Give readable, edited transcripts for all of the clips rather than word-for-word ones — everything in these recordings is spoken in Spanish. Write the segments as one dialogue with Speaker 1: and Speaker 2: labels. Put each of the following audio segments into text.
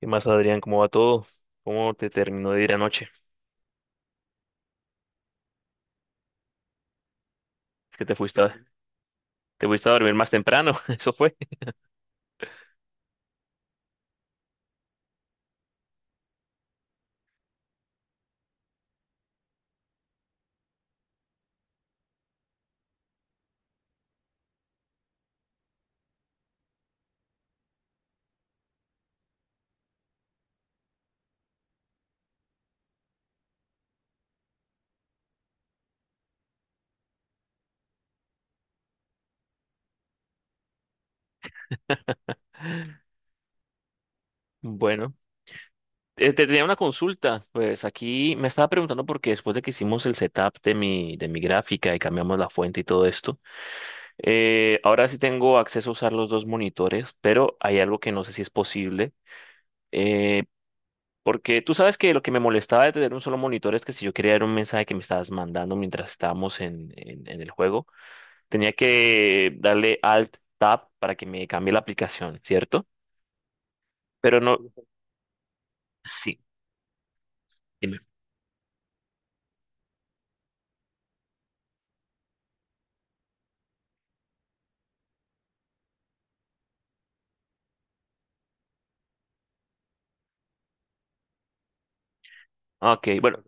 Speaker 1: ¿Qué más, Adrián? ¿Cómo va todo? ¿Cómo te terminó de ir anoche? Es que te fuiste a, Te fuiste a dormir más temprano, eso fue. Bueno, te tenía una consulta. Pues aquí me estaba preguntando porque después de que hicimos el setup de mi gráfica y cambiamos la fuente y todo esto, ahora sí tengo acceso a usar los dos monitores, pero hay algo que no sé si es posible. eh, Porque tú sabes que lo que me molestaba de tener un solo monitor es que si yo quería ver un mensaje que me estabas mandando mientras estábamos en el juego, tenía que darle Alt Tab para que me cambie la aplicación, ¿cierto? Pero no, sí, dime. Ok, bueno,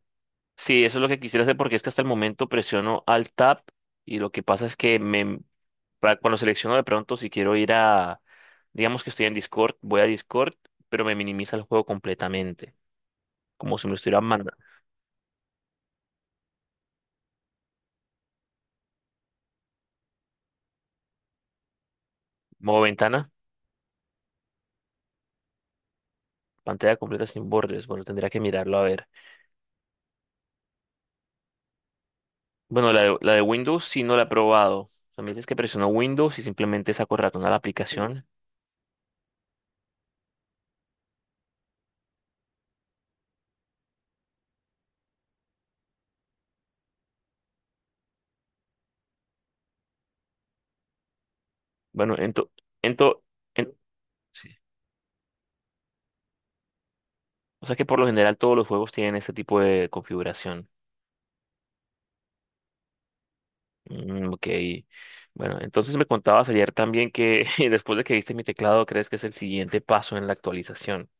Speaker 1: sí, eso es lo que quisiera hacer porque es que hasta el momento presiono Alt Tab y lo que pasa es que cuando selecciono de pronto si quiero ir a, digamos que estoy en Discord, voy a Discord, pero me minimiza el juego completamente, como si me lo estuvieran mandando. Modo ventana, pantalla completa sin bordes. Bueno, tendría que mirarlo a ver. Bueno, la de Windows sí no la he probado. O sea, me dices que presiono Windows y simplemente saco ratón a la aplicación. Bueno, ento, ento, en- sí. O sea que por lo general todos los juegos tienen este tipo de configuración. Ok. Bueno, entonces me contabas ayer también que después de que viste mi teclado, crees que es el siguiente paso en la actualización.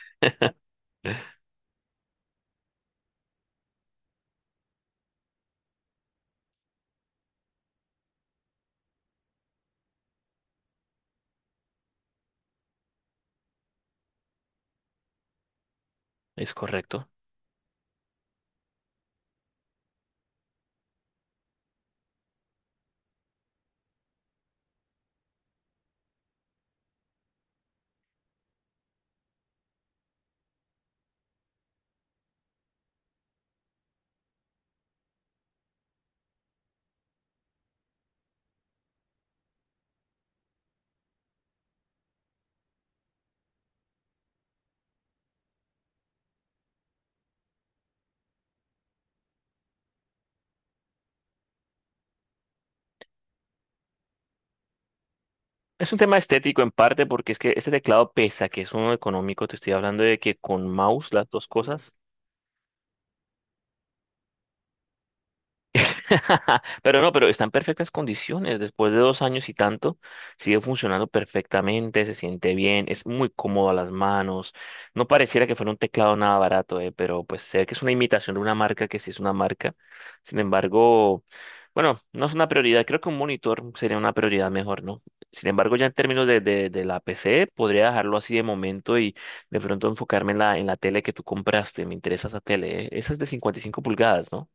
Speaker 1: Es correcto. Es un tema estético en parte porque es que este teclado pesa, que es uno económico. Te estoy hablando de que con mouse las dos cosas. Pero no, pero está en perfectas condiciones. Después de dos años y tanto, sigue funcionando perfectamente, se siente bien, es muy cómodo a las manos. No pareciera que fuera un teclado nada barato, pero pues sé que es una imitación de una marca que sí es una marca. Sin embargo, bueno, no es una prioridad. Creo que un monitor sería una prioridad mejor, ¿no? Sin embargo, ya en términos de la PC, podría dejarlo así de momento y de pronto enfocarme en la tele que tú compraste. Me interesa esa tele, eh. Esa es de 55 pulgadas, ¿no?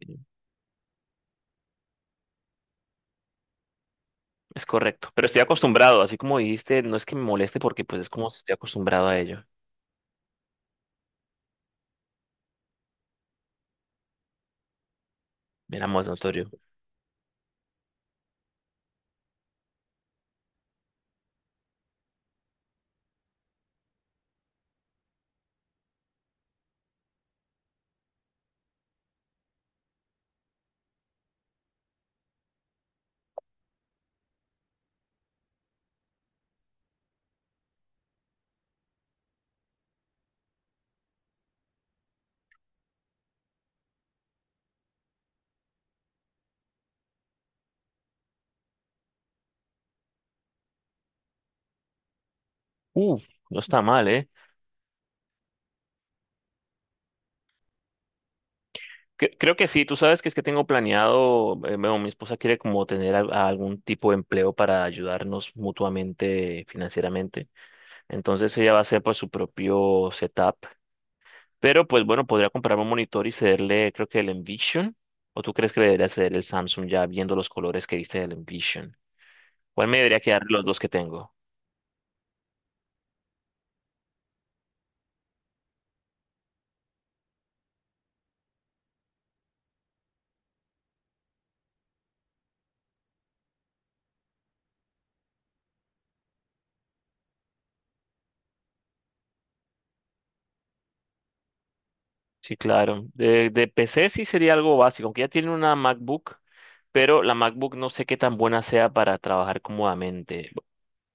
Speaker 1: Sí. Es correcto, pero estoy acostumbrado, así como dijiste, no es que me moleste porque pues es como si estoy acostumbrado a ello. Veamos, notorio. Uf, no está mal, ¿eh? Creo que sí, tú sabes que es que tengo planeado, bueno, mi esposa quiere como tener algún tipo de empleo para ayudarnos mutuamente financieramente. Entonces ella va a hacer pues su propio setup, pero pues bueno, podría comprar un monitor y cederle, creo que el Envision, o tú crees que le debería ceder el Samsung ya viendo los colores que viste del Envision. ¿Cuál me debería quedar de los dos que tengo? Sí, claro. De PC sí sería algo básico, aunque ya tiene una MacBook, pero la MacBook no sé qué tan buena sea para trabajar cómodamente.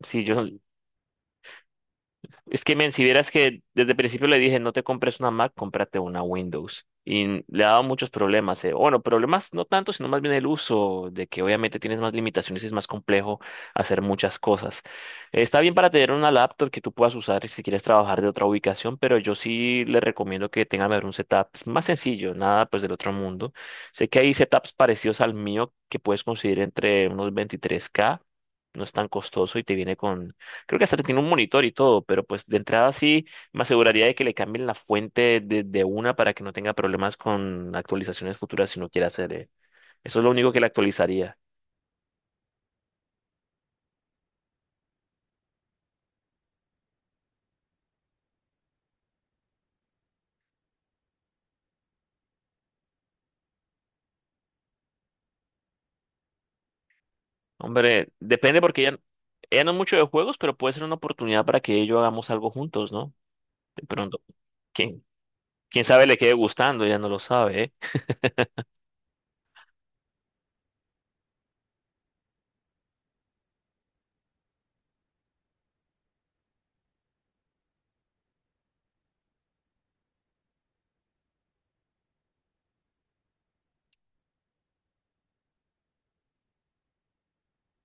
Speaker 1: Sí, yo es que, men, si vieras que desde el principio le dije, no te compres una Mac, cómprate una Windows. Y le ha dado muchos problemas. Eh. Bueno, problemas no tanto, sino más bien el uso, de que obviamente tienes más limitaciones y es más complejo hacer muchas cosas. Está bien para tener una laptop que tú puedas usar si quieres trabajar de otra ubicación, pero yo sí le recomiendo que tengan mejor un setup pues, más sencillo, nada pues del otro mundo. Sé que hay setups parecidos al mío que puedes conseguir entre unos 23K, no es tan costoso y te viene con. Creo que hasta tiene un monitor y todo, pero pues de entrada sí me aseguraría de que le cambien la fuente de una para que no tenga problemas con actualizaciones futuras si no quiere hacer. Eh. Eso es lo único que le actualizaría. Hombre, depende porque ella no es mucho de juegos, pero puede ser una oportunidad para que ella y yo hagamos algo juntos, ¿no? De pronto, quién, quién sabe le quede gustando, ella no lo sabe, ¿eh?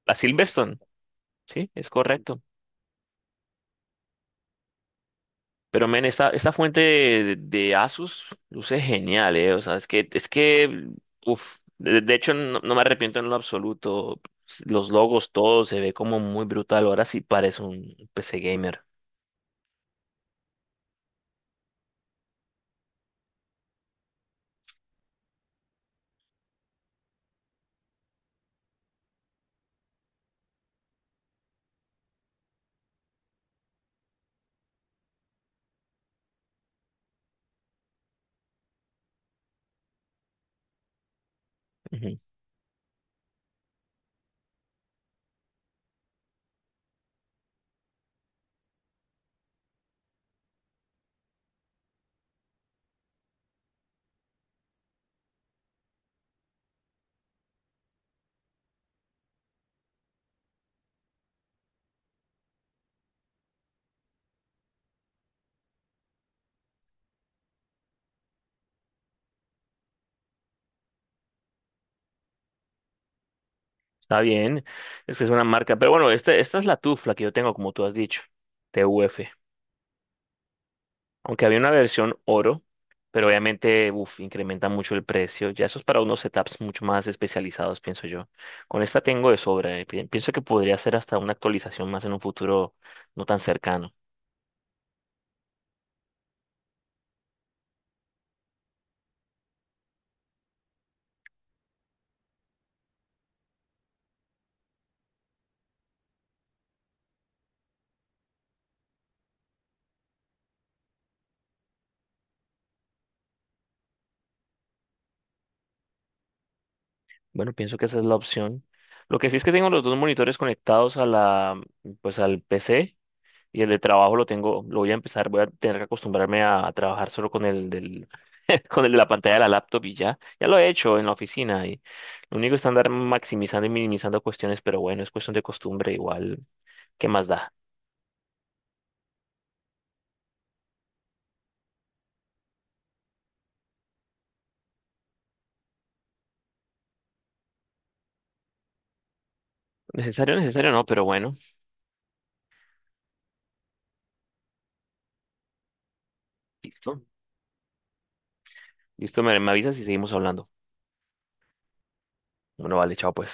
Speaker 1: La Silverstone, sí, es correcto. Pero, men, esta fuente de Asus luce genial, ¿eh? O sea, uf, de hecho no, no me arrepiento en lo absoluto. Los logos, todo se ve como muy brutal. Ahora sí parece un PC gamer. Ujú. Está bien, es que es una marca. Pero bueno, esta es la tufla que yo tengo, como tú has dicho, TUF. Aunque había una versión oro, pero obviamente, uf, incrementa mucho el precio. Ya eso es para unos setups mucho más especializados, pienso yo. Con esta tengo de sobra. Eh, pienso que podría ser hasta una actualización más en un futuro no tan cercano. Bueno, pienso que esa es la opción. Lo que sí es que tengo los dos monitores conectados a la, pues al PC. Y el de trabajo lo tengo, lo voy a empezar, voy a tener que acostumbrarme a trabajar solo con el del, con el de la pantalla de la laptop y ya. Ya lo he hecho en la oficina y lo único es andar maximizando y minimizando cuestiones, pero bueno, es cuestión de costumbre igual. ¿Qué más da? Necesario, necesario no, pero bueno. Listo. Listo, me avisas y seguimos hablando. Bueno, vale, chao pues.